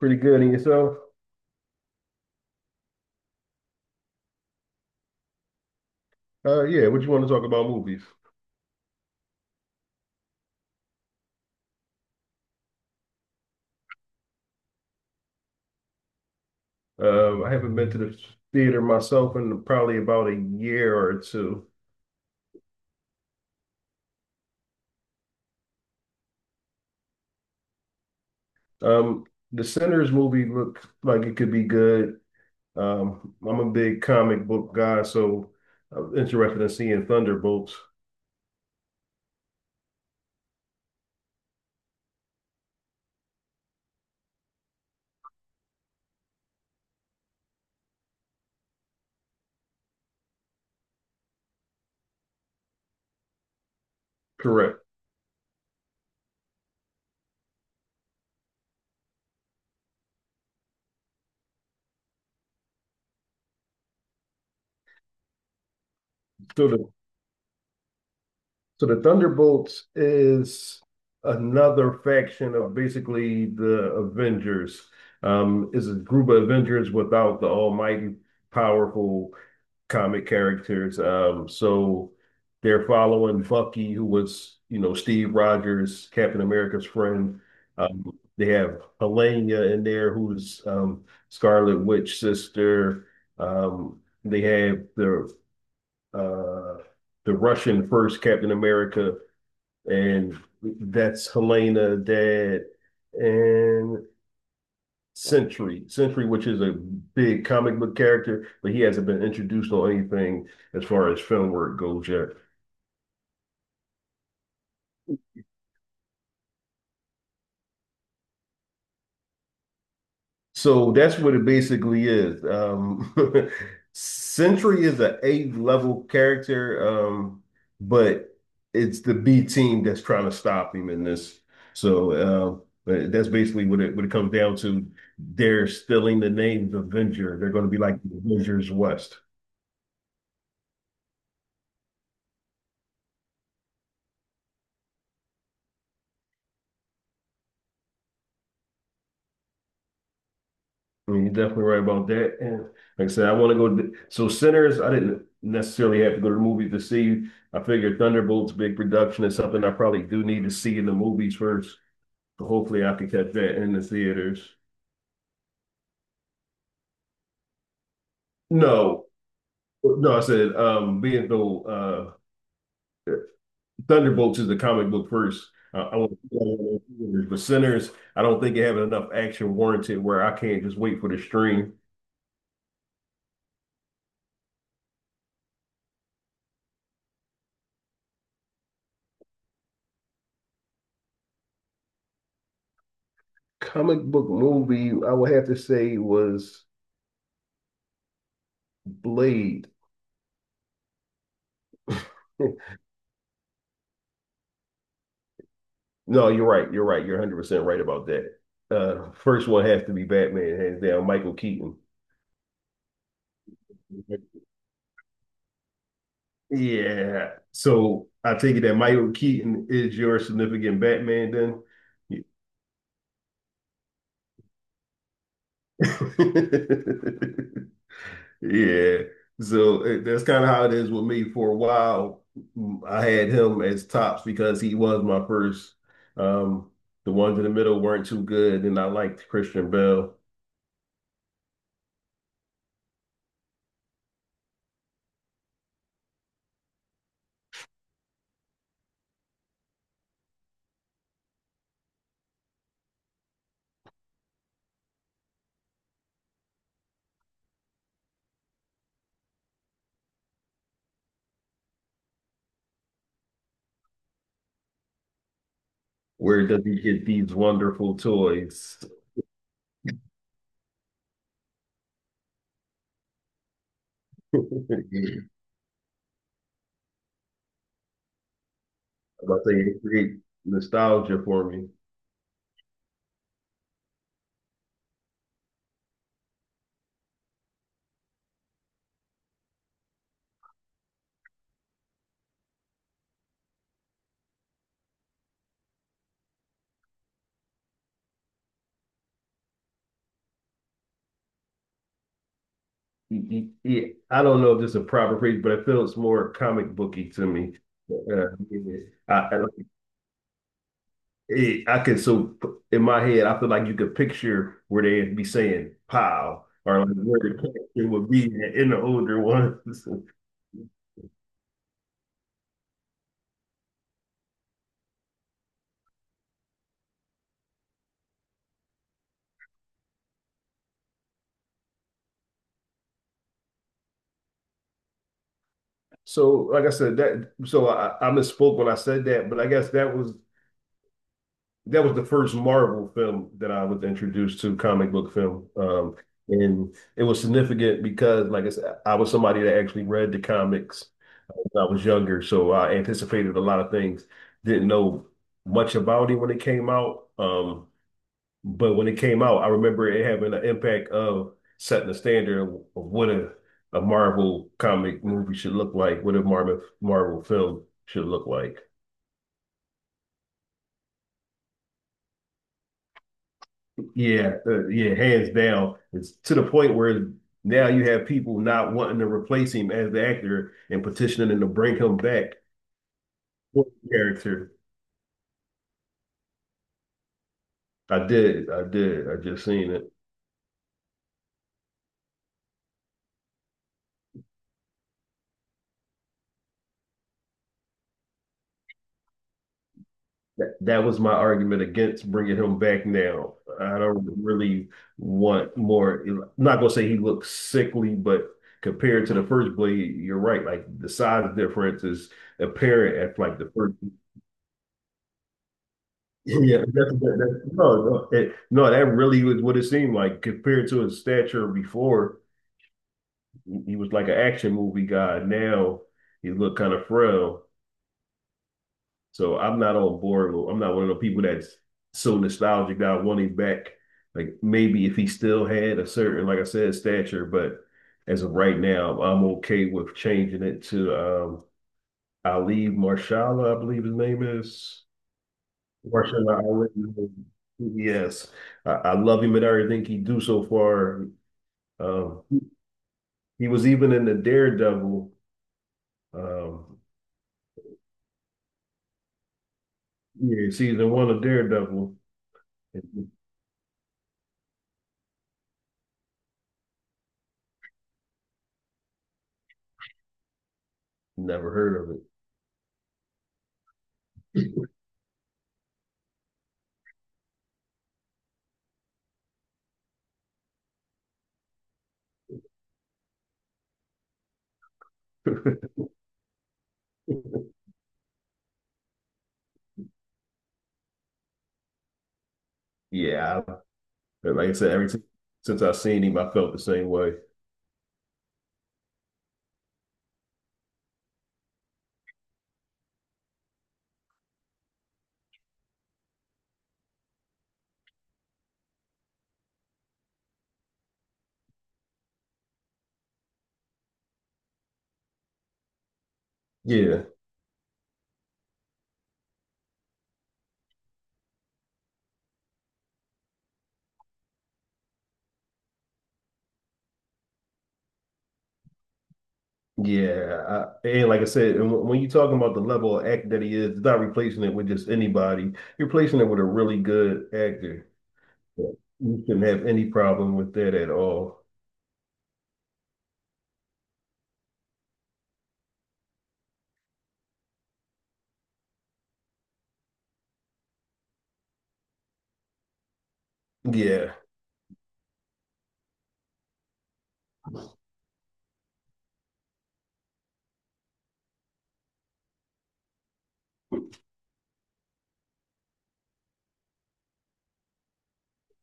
Pretty good in yourself? Yeah, what you want to talk about movies? I haven't been to the theater myself in probably about a year or two. Um, the Sinners movie looked like it could be good. I'm a big comic book guy, so I'm interested in seeing Thunderbolts. Correct. So the so the Thunderbolts is another faction of basically the Avengers. Is a group of Avengers without the almighty powerful comic characters. So they're following Bucky, who was, you know, Steve Rogers, Captain America's friend. They have Helena in there, who's Scarlet Witch sister. They have uh, the Russian first Captain America, and that's Helena, dad, and Century, which is a big comic book character, but he hasn't been introduced on anything as far as film work goes yet. So that's what it basically is. Century is an A-level character, but it's the B team that's trying to stop him in this. So but that's basically what it comes down to. They're stealing the name Avenger. They're going to be like the Avengers West. I mean, you're definitely right about that. And like I said, I want to go. To- So Sinners, I didn't necessarily have to go to the movies to see. I figured Thunderbolts, big production, is something I probably do need to see in the movies first. So hopefully, I could catch that in the theaters. No, no, I said being though Thunderbolts is the comic book first. I want to see that in the theaters, but Sinners, I don't think it have enough action warranted where I can't just wait for the stream. Comic book movie, I would have to say was Blade. No, you're right. You're right. You're 100% right about that. First one has to be Batman, hands down, Michael Keaton. Yeah. So I take it that Michael Keaton is your significant Batman then? Yeah. That's kind of how it is with me. For a while, I had him as tops because he was my first. Um, the ones in the middle weren't too good, and I liked Christian Bale. Where does he get these wonderful toys? I'm about to say it create nostalgia for me. Yeah, I don't know if this is a proper phrase, but it feels more comic booky to me. Uh, I, I, I can so in my head, I feel like you could picture where they'd be saying "pow" or like where the character would be in the older ones. So, like I said, I misspoke when I said that, but I guess that was the first Marvel film that I was introduced to comic book film. And it was significant because, like I said, I was somebody that actually read the comics when I was younger, so I anticipated a lot of things. Didn't know much about it when it came out. But when it came out, I remember it having an impact of setting the standard of what a Marvel comic movie should look like, what a Marvel film should look like. Yeah, yeah, hands down. It's to the point where now you have people not wanting to replace him as the actor and petitioning to bring him back for the character. I did, I did, I just seen it. That, that was my argument against bringing him back now. I don't really want more. I'm not gonna say he looks sickly, but compared to the first Blade, you're right. Like the size difference is apparent at like the first. Yeah, that's, that, that, no, no, it, no, that really was what it seemed like compared to his stature before. He was like an action movie guy. Now he looked kind of frail. So I'm not on board. I'm not one of the people that's so nostalgic that I want him back. Like maybe if he still had a certain, like I said, stature, but as of right now, I'm okay with changing it to Ali Marshala, I believe his name is. Marshala Ali. Yes. I love him and everything he do so far. Um he was even in the Daredevil, um yeah, season one of Daredevil. Never heard of it. Yeah, but like I said, every time since I've seen him, I felt the same way. Yeah, yeah. And like I said, and when you're talking about the level of act that he is, it's not replacing it with just anybody. You're replacing it with a really good actor. Yeah. You shouldn't have any problem with that at all. Yeah,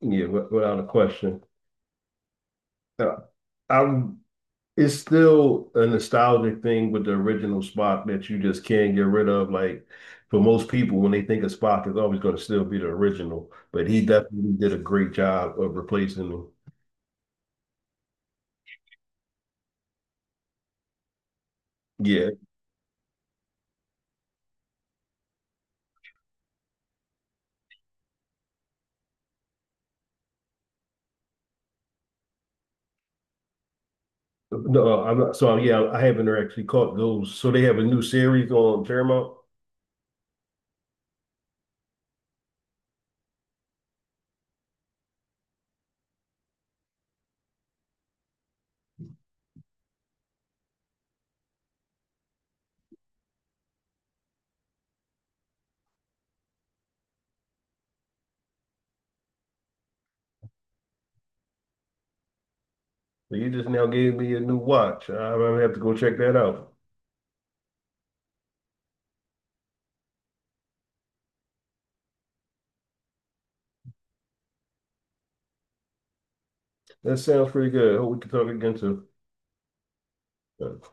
yeah, without a question. Uh, I'm It's still a nostalgic thing with the original Spock that you just can't get rid of. Like for most people, when they think of Spock, it's always going to still be the original. But he definitely did a great job of replacing him. Yeah, no, I'm not. So yeah, I haven't actually caught those. So they have a new series on Paramount. So you just now gave me a new watch. I'm gonna have to go check that out. That sounds pretty good. Hope we can talk again soon.